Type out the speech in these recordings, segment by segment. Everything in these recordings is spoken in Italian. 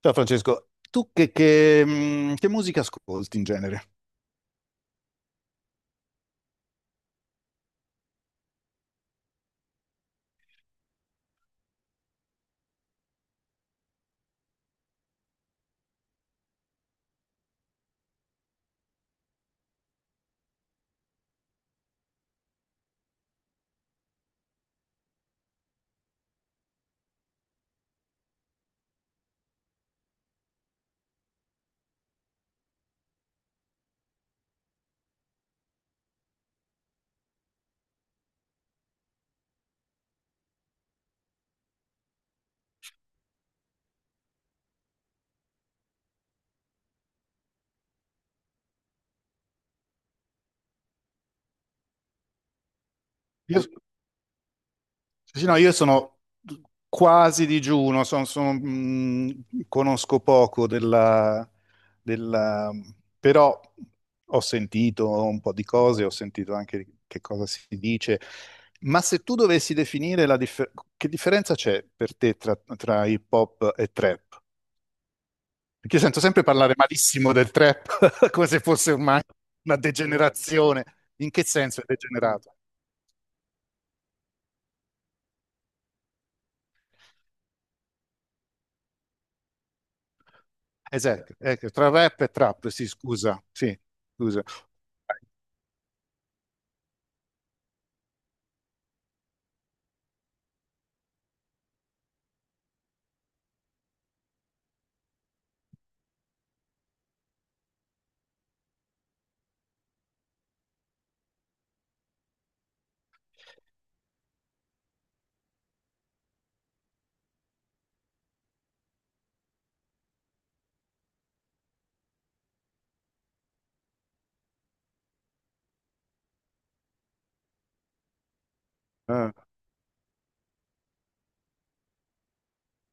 Ciao Francesco, tu che musica ascolti in genere? Io, sì, no, io sono quasi digiuno, sono, conosco poco della, della- però ho sentito un po' di cose, ho sentito anche di che cosa si dice, ma se tu dovessi definire che differenza c'è per te tra hip hop e trap? Perché io sento sempre parlare malissimo del trap, come se fosse ormai una degenerazione. In che senso è degenerato? Esatto, ecco, tra rap e trap, sì, scusa, sì, scusa. Eh,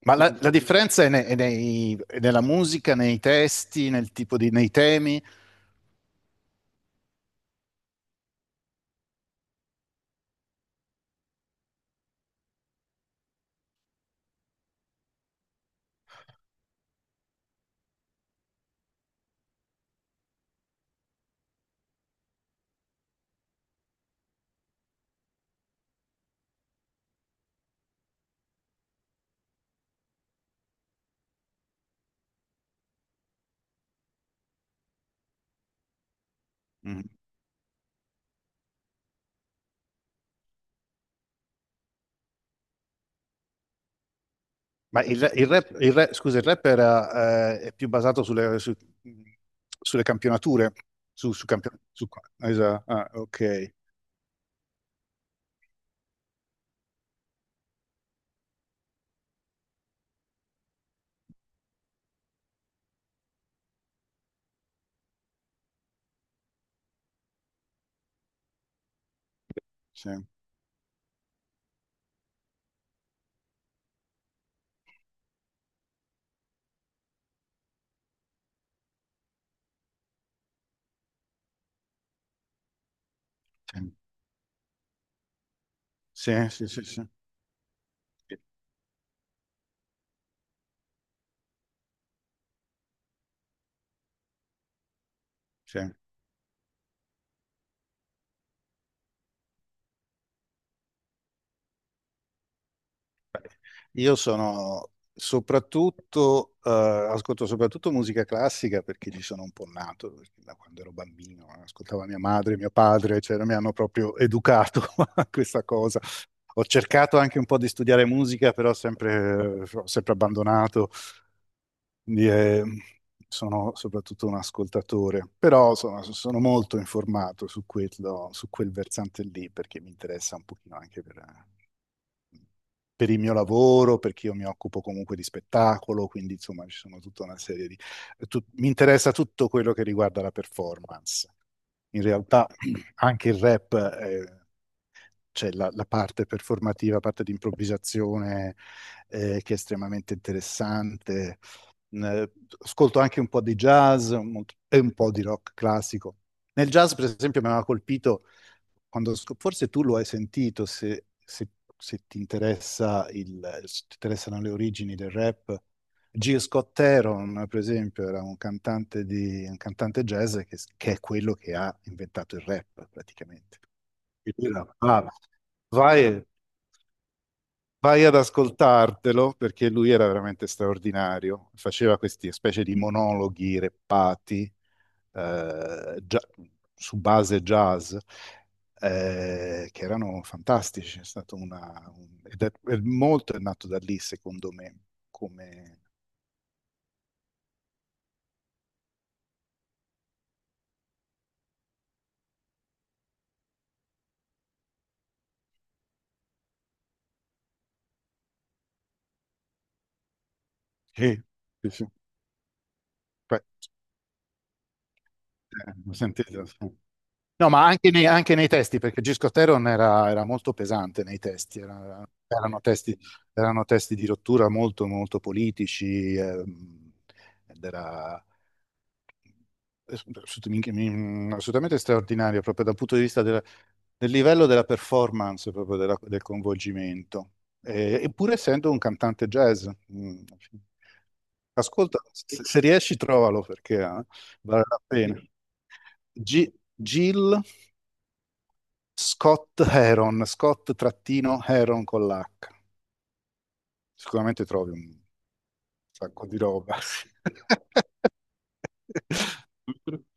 Ma la differenza è nella musica, nei testi, nel tipo di, nei temi. Mhm. Ma il rap, scusa, il rap è più basato sulle, sulle campionature. Su, su campio- su- esa- ah, ok. Sì, sì, sì, sì, sì. Cioè, ascolto soprattutto musica classica perché ci sono un po' nato, perché da quando ero bambino, ascoltava mia madre, mio padre, cioè mi hanno proprio educato a questa cosa. Ho cercato anche un po' di studiare musica, però sempre, ho sempre abbandonato. Quindi sono soprattutto un ascoltatore, però insomma, sono molto informato su quello, su quel versante lì, perché mi interessa un pochino anche per il mio lavoro, perché io mi occupo comunque di spettacolo, quindi insomma ci sono tutta una serie di... Mi interessa tutto quello che riguarda la performance. In realtà anche il rap c'è la parte performativa, la parte di improvvisazione che è estremamente interessante. Mm, Ascolto anche un po' di jazz e un po' di rock classico. Nel jazz, per esempio, mi aveva colpito quando, forse tu lo hai sentito, se ti interessa il- se ti interessano le origini del rap. G. Scott Heron, per esempio, era un cantante jazz che è quello che ha inventato il rap, praticamente. Era bravo. Vai, vai ad ascoltartelo perché lui era veramente straordinario. Faceva queste specie di monologhi reppati eh, gia- su base jazz che erano fantastici. È stato una, un- ed è molto è nato da lì, secondo me. Come. Sì, sì, sì. Beh, lo sentite? No, ma anche nei testi, perché Gisco Teron era molto pesante nei testi, erano testi di rottura molto, molto politici, ed era assolutamente straordinario proprio dal punto di vista del livello della performance, proprio del coinvolgimento. Eppure essendo un cantante jazz. mm, Ascolta, se riesci trovalo perché vale la pena. Gi- Gil Scott Heron, Scott trattino Heron con l'H. Sicuramente trovi un sacco di roba.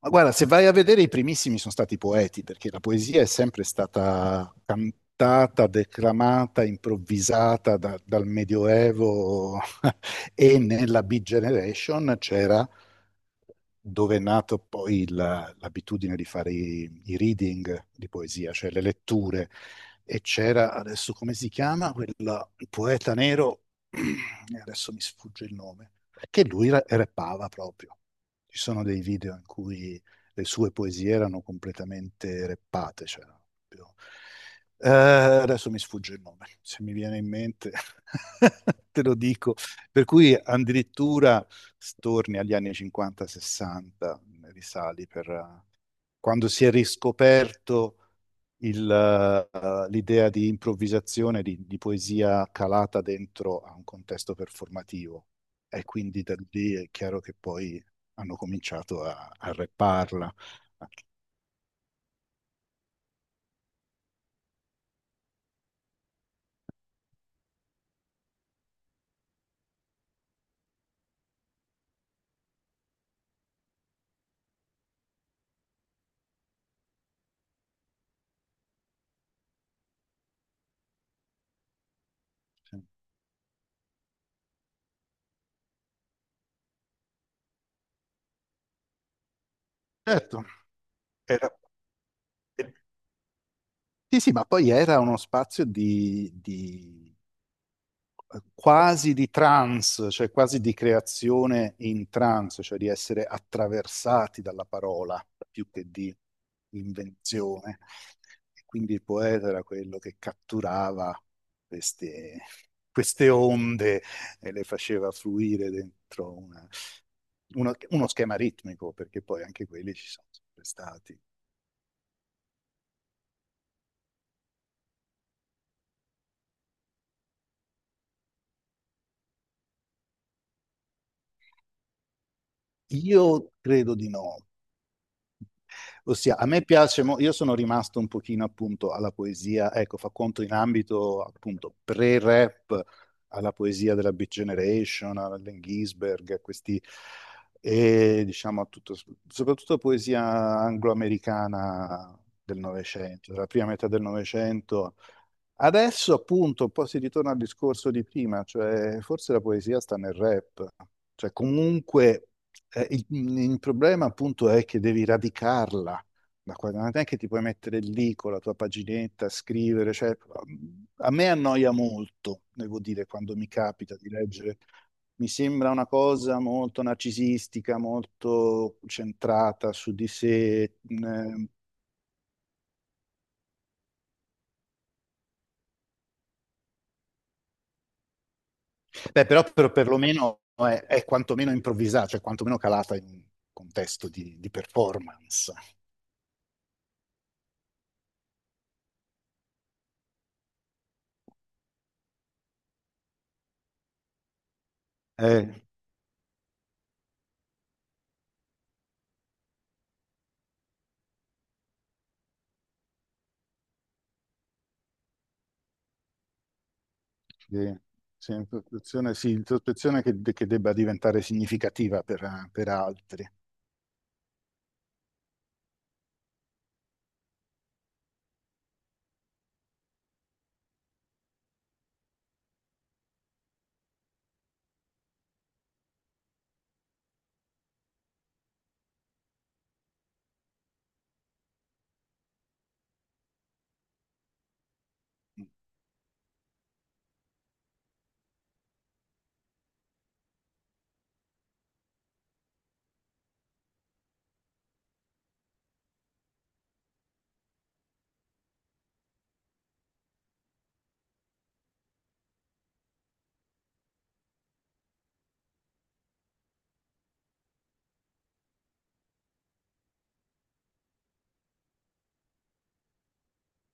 Ma guarda, se vai a vedere i primissimi sono stati poeti, perché la poesia è sempre stata cantata, declamata, improvvisata dal Medioevo, e nella Beat Generation c'era dove è nato poi l'abitudine di fare i reading di poesia, cioè le letture, e c'era adesso come si chiama quel poeta nero, e adesso mi sfugge il nome, che lui rappava proprio. Ci sono dei video in cui le sue poesie erano completamente rappate, cioè erano proprio- Adesso mi sfugge il nome, se mi viene in mente te lo dico. Per cui addirittura torni agli anni 50-60, risali per quando si è riscoperto l'idea di improvvisazione, di, poesia calata dentro a un contesto performativo. E quindi da lì è chiaro che poi hanno cominciato a, rapparla. Certo, era- sì, sì, ma poi era uno spazio di quasi di trance, cioè quasi di creazione in trance, cioè di essere attraversati dalla parola più che di invenzione. E quindi il poeta era quello che catturava queste, queste onde e le faceva fluire dentro uno schema ritmico, perché poi anche quelli ci sono sempre stati. Io credo di no. Ossia, a me piace, io sono rimasto un pochino appunto alla poesia, ecco, fa conto in ambito appunto pre-rap, alla poesia della Beat Generation, all'Allen Ginsberg, a questi, e diciamo a tutto, soprattutto poesia anglo-americana del Novecento, della prima metà del Novecento. Adesso appunto un po' si ritorna al discorso di prima, cioè forse la poesia sta nel rap, cioè comunque eh, il, il problema appunto è che devi radicarla, da qua, non è che ti puoi mettere lì con la tua paginetta, scrivere, cioè a me annoia molto, devo dire, quando mi capita di leggere, mi sembra una cosa molto narcisistica, molto centrata su di sé. Eh, Beh, però per- perlomeno è quantomeno improvvisata, cioè quantomeno calata in un contesto di performance. Eh, sì, sì, introspezione che debba diventare significativa per, altri,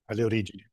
alle origini.